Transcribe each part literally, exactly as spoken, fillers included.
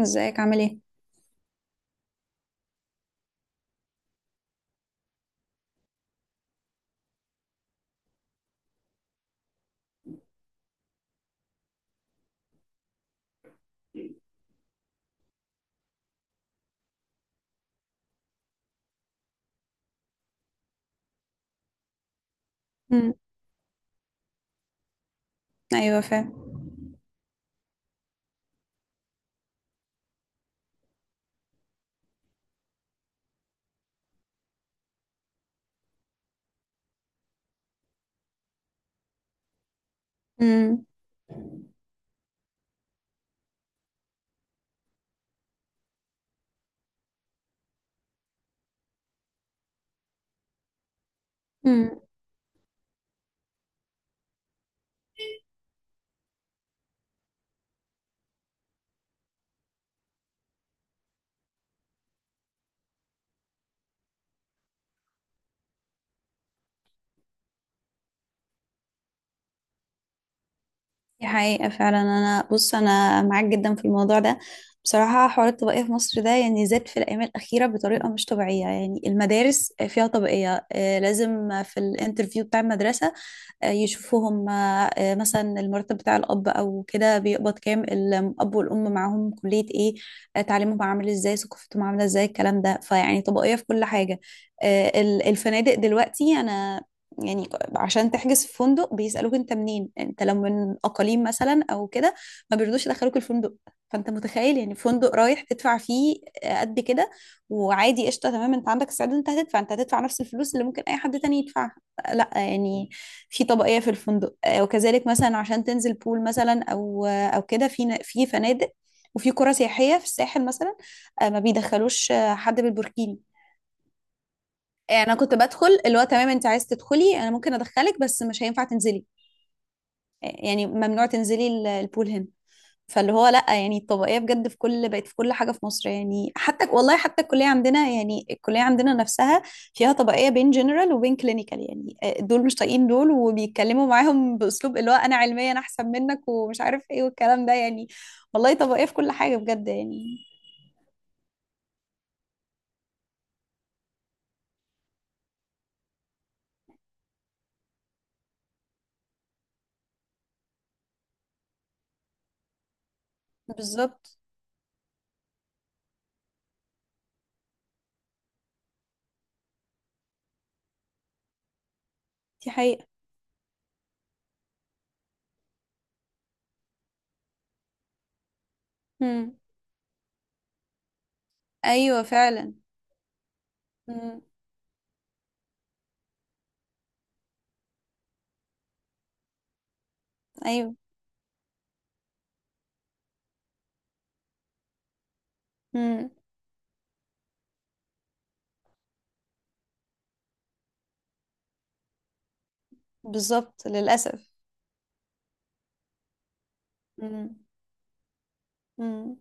ازيك عامل ايه. مم. ايوه فعلا. مم. مم. دي حقيقة فعلا، انا بص انا معاك جدا في الموضوع ده. بصراحة حوار الطبقية في مصر ده يعني زاد في الايام الاخيرة بطريقة مش طبيعية، يعني المدارس فيها طبقية، آه، لازم في الانترفيو بتاع المدرسة آه، يشوفوهم آه، آه، مثلا المرتب بتاع الأب أو كده بيقبض كام، الأب والأم معاهم كلية إيه، آه، تعليمهم عامل إزاي، ثقافتهم عاملة إزاي، الكلام ده. فيعني طبقية في كل حاجة. آه، ال- الفنادق دلوقتي، أنا يعني عشان تحجز في فندق بيسألوك أنت منين. أنت لو من أقاليم مثلا أو كده ما بيرضوش يدخلوك الفندق. فأنت متخيل يعني فندق رايح تدفع فيه آه، قد كده، وعادي قشطه تمام. انت عندك استعداد، انت هتدفع، انت هتدفع نفس الفلوس اللي ممكن اي حد تاني يدفعها. لا يعني في طبقية في الفندق. آه، وكذلك مثلا عشان تنزل بول مثلا أو آه، أو كده في ن- في فنادق وفي قرى سياحية في الساحل مثلا، آه، ما بيدخلوش آه، حد بالبوركيني. آه، انا كنت بدخل اللي هو تمام، انت عايز تدخلي انا ممكن ادخلك بس مش هينفع تنزلي. آه، يعني ممنوع تنزلي ال- البول هنا. فاللي هو لا يعني الطبقيه بجد في كل بقت في كل حاجه في مصر يعني. حتى والله حتى الكليه عندنا، يعني الكليه عندنا نفسها فيها طبقيه بين جنرال وبين كلينيكال. يعني آه، دول مش طايقين دول، وبيتكلموا معاهم باسلوب اللي هو انا علميا احسن منك ومش عارف ايه والكلام ده يعني. والله طبقيه في كل حاجه بجد يعني. بالظبط، دي حقيقه. امم ايوه فعلا. امم ايوه. امم بالظبط للاسف. امم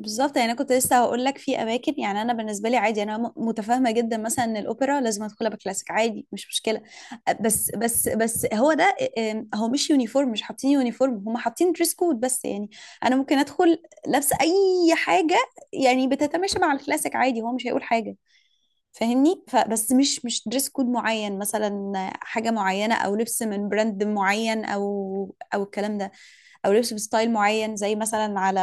بالظبط. يعني انا كنت لسه هقول لك في اماكن. يعني انا بالنسبه لي عادي، انا م- متفاهمه جدا مثلا ان الاوبرا لازم ادخلها بكلاسيك، عادي مش مشكله. بس بس بس هو ده آم، هو مش يونيفورم، مش حاطين يونيفورم، هم حاطين دريس كود بس يعني. انا ممكن ادخل لابسه اي حاجه يعني بتتماشى مع الكلاسيك عادي، هو مش هيقول حاجه، فاهمني؟ فبس مش مش دريس كود معين مثلا حاجة معينة أو لبس من براند معين أو أو الكلام ده، أو لبس بستايل معين زي مثلا على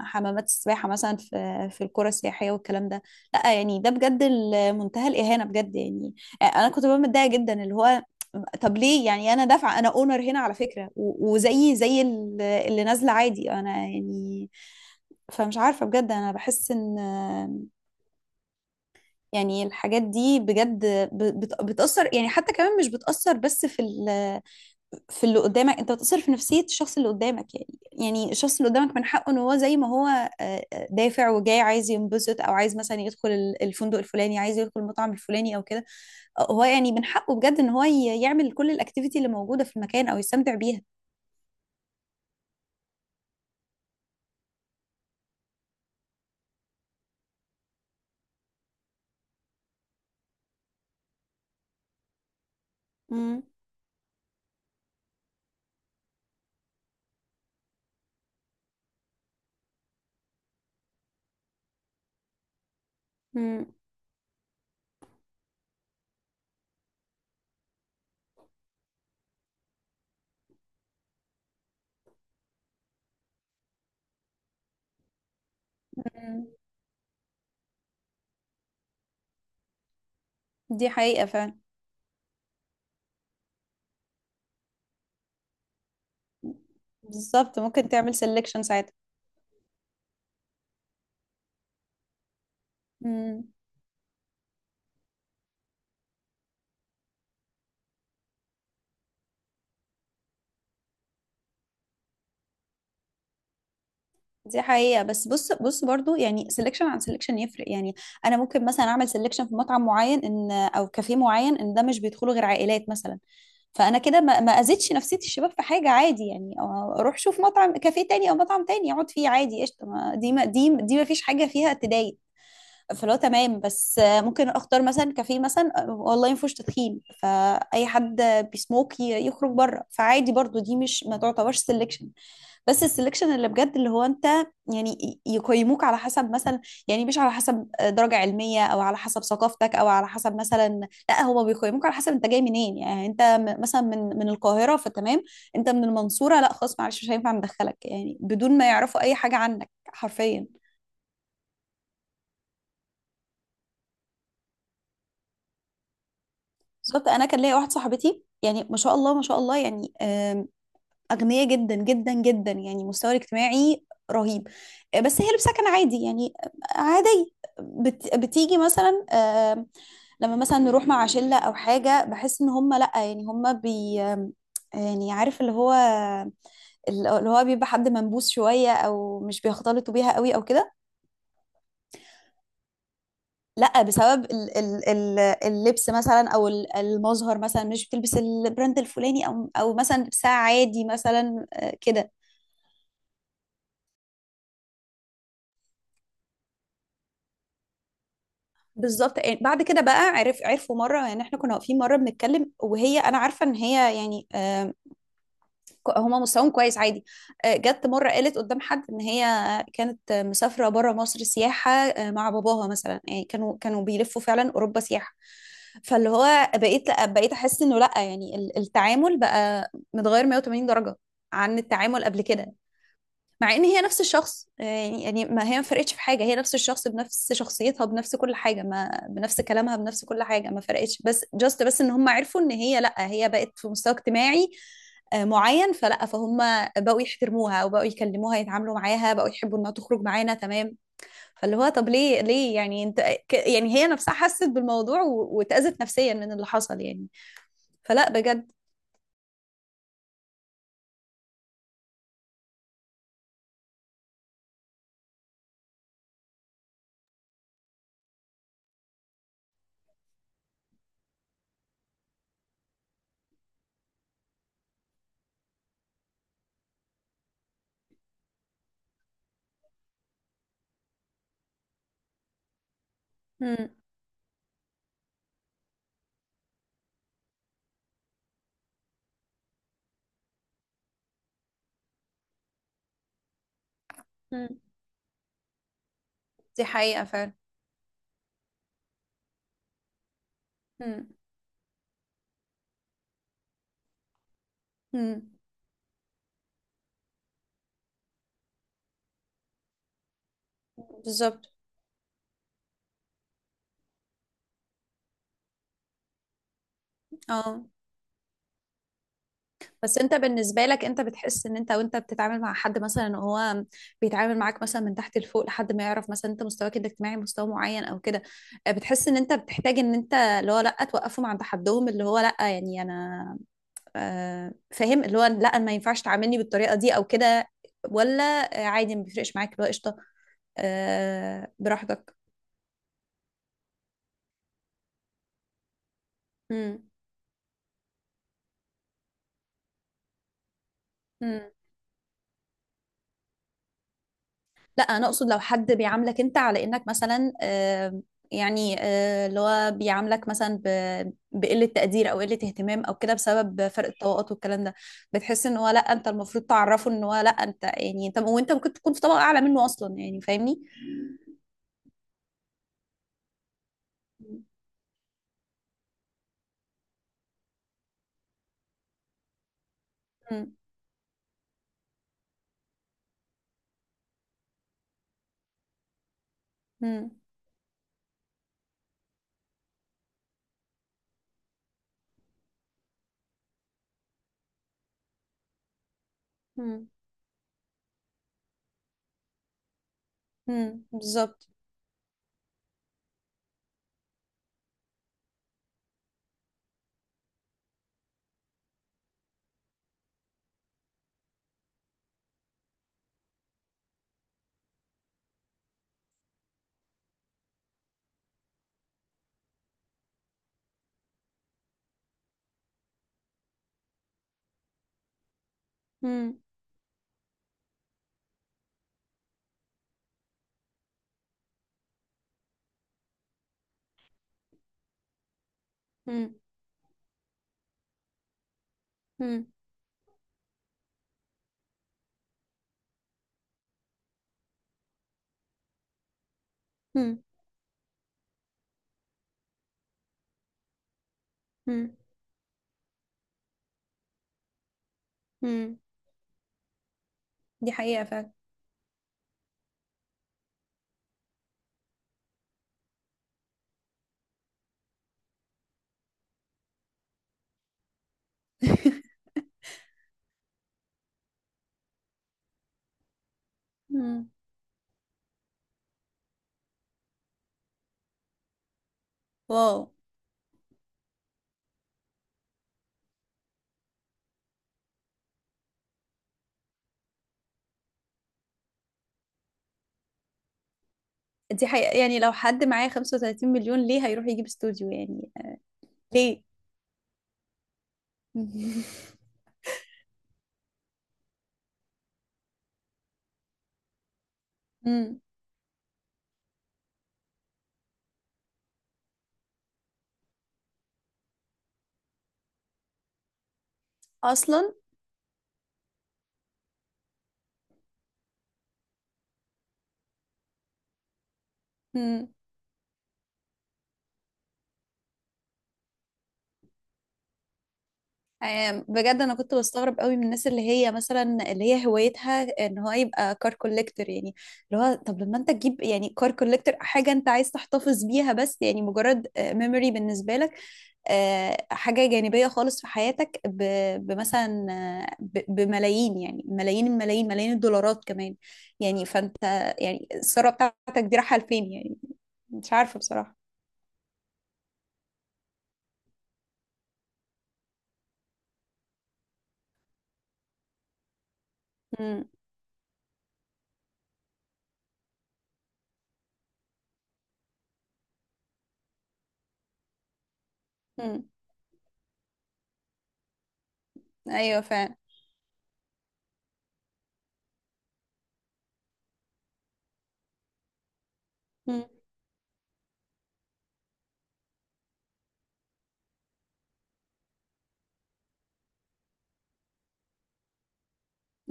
حمامات السباحة مثلا في في القرى السياحية والكلام ده. لا يعني ده بجد ال- منتهى الإهانة بجد يعني. أنا كنت ببقى متضايقة جدا، اللي هو طب ليه يعني؟ أنا دافعة، أنا أونر هنا على فكرة، و- وزيي زي ال- اللي نازلة عادي أنا يعني. فمش عارفة بجد، أنا بحس إن يعني الحاجات دي بجد ب- بت- بتأثر. يعني حتى كمان مش بتأثر بس في ال- في اللي قدامك، انت بتأثر في نفسية الشخص اللي قدامك. يعني يعني الشخص اللي قدامك من حقه ان هو زي ما هو آه، آه، دافع وجاي عايز ينبسط او عايز مثلا يدخل ال- الفندق الفلاني، عايز يدخل المطعم الفلاني او كده. آه، هو يعني من حقه بجد ان هو ي- يعمل كل الاكتيفيتي اللي موجودة في المكان او يستمتع بيها. مم. مم. مم. دي حقيقة فعلا. بالظبط، ممكن تعمل سelection ساعتها. مم. دي حقيقة بس بص بص برضو، يعني سelection عن selection يفرق يعني. أنا ممكن مثلا أعمل selection في مطعم معين إن أو كافيه معين إن ده مش بيدخله غير عائلات مثلا. فأنا كده ما ما أذيتش نفسية الشباب في حاجة، عادي يعني، أو أروح شوف مطعم كافيه تاني أو مطعم تاني أقعد فيه عادي قشطة، ما- دي ما دي دي ما فيش حاجة فيها تضايق. فلو تمام بس ممكن اختار مثلا كافيه مثلا والله ما فيهوش تدخين، فاي حد بيسموك ي- يخرج بره، فعادي برضو دي مش ما تعتبرش سيلكشن. بس السلكشن اللي بجد اللي هو انت يعني ي- يقيموك على حسب مثلا، يعني مش على حسب درجة علمية او على حسب ثقافتك او على حسب مثلا، لا هو بيقيموك على حسب انت جاي منين. يعني انت م- مثلا من من القاهرة فتمام، انت من المنصورة لا خلاص معلش مش هينفع ندخلك، يعني بدون ما يعرفوا اي حاجة عنك حرفيا. بالظبط. انا كان ليا واحد صاحبتي، يعني ما شاء الله ما شاء الله يعني، آم، أغنياء جدا جدا جدا، يعني مستوى اجتماعي رهيب. آه، بس هي لابسة كان عادي يعني، آه، عادي. بت... بتيجي مثلا آه، لما مثلا نروح مع شلة أو حاجة بحس إن هم لأ، يعني هم بي آم، يعني عارف اللي هو اللي هو بيبقى حد منبوس شوية أو مش بيختلطوا بيها قوي أو كده. لأ بسبب ال- ال- ال- اللبس مثلا أو ال- المظهر مثلا، مش بتلبس البراند الفلاني أو أو مثلا لبسها عادي مثلا آه، كده. بالظبط. يعني بعد كده بقى عرف عرفوا مره، يعني احنا كنا واقفين مره بنتكلم وهي، انا عارفه ان هي يعني آه، ك- هما مستواهم كويس عادي. آه، جت مره قالت قدام حد ان هي كانت مسافره بره مصر سياحه آه، مع باباها مثلا، يعني كانوا كانوا بيلفوا فعلا اوروبا سياحه. فاللي هو بقيت بقيت احس انه لا، يعني ال- التعامل بقى متغير مية وتمانين درجه عن التعامل قبل كده، مع ان هي نفس الشخص. آه، يعني يعني ما هي ما فرقتش في حاجه، هي نفس الشخص بنفس شخصيتها بنفس كل حاجه، ما بنفس كلامها بنفس كل حاجه ما فرقتش، بس جاست بس ان هم عرفوا ان هي لا، هي بقت في مستوى اجتماعي آه، معين، فلا فهم بقوا يحترموها وبقوا يكلموها، يتعاملوا معاها، بقوا يحبوا انها تخرج معانا تمام. فاللي هو طب ليه ليه يعني؟ انت ك- يعني هي نفسها حست بالموضوع و- واتأذت نفسيا من اللي حصل يعني، فلا بجد. مم. مم. دي حقيقة فعلا. مم. مم. بالظبط. اه بس انت بالنسبة لك انت بتحس ان انت وانت بتتعامل مع حد مثلا هو بيتعامل معاك مثلا من تحت لفوق لحد ما يعرف مثلا انت مستواك الاجتماعي مستوى معين او كده، آه، بتحس ان انت بتحتاج ان انت اللي هو لا توقفهم عند حدهم، اللي هو لا يعني انا آه، فاهم، اللي هو لا ما ينفعش تعاملني بالطريقة دي او كده؟ ولا آه، عادي ما بيفرقش معاك اللي هو قشطة آه، براحتك؟ مم. لا انا اقصد لو حد بيعاملك انت على انك مثلا آه، يعني آه، اللي هو بيعاملك مثلا ب- بقلة تقدير او قلة اهتمام او كده بسبب فرق الطبقات والكلام ده، بتحس ان هو لا انت المفروض تعرفه ان هو لا انت، يعني انت وانت ممكن تكون في طبقة اعلى منه اصلا يعني، فاهمني؟ مم. مم. مم. مم. بالظبط. مم. مم. مم. مم. مم. مم. دي حقيقة فعلا. مم. واو. دي حقيقة، يعني لو حد معاه خمسة وثلاثين مليون ليه هيروح يجيب استوديو يعني؟ ليه؟ مم. أصلا. مم. آه، بجد انا كنت بستغرب قوي من الناس اللي هي مثلا اللي هي هوايتها ان هو يبقى كار كوليكتور يعني. اللي هو طب لما انت تجيب يعني كار كوليكتور، حاجه انت عايز تحتفظ بيها بس، يعني مجرد ميموري بالنسبه لك، آه، حاجه جانبيه خالص في حياتك ب- بمثلا آه، ب- بملايين، يعني ملايين الملايين، ملايين الدولارات كمان يعني. فانت يعني الثروه بتاعتك دي رايحه لفين يعني؟ مش عارفه بصراحه. امم ايوه فعلا. مم.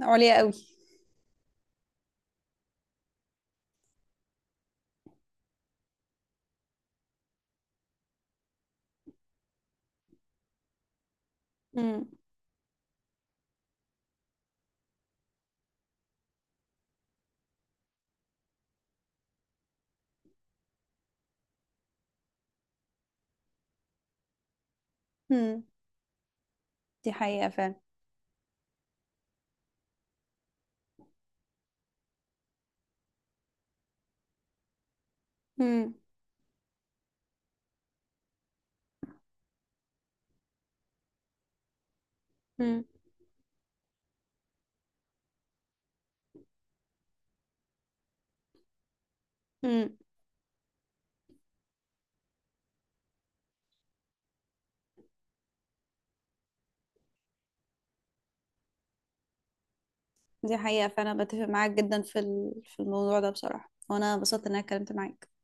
عليا قوي. امم دي حقيقة فعلا. مم. مم. مم. دي حقيقة فعلا، بتفق معاك جدا في ال- في الموضوع ده بصراحة، وانا انبسطت ان انا اتكلمت معاك.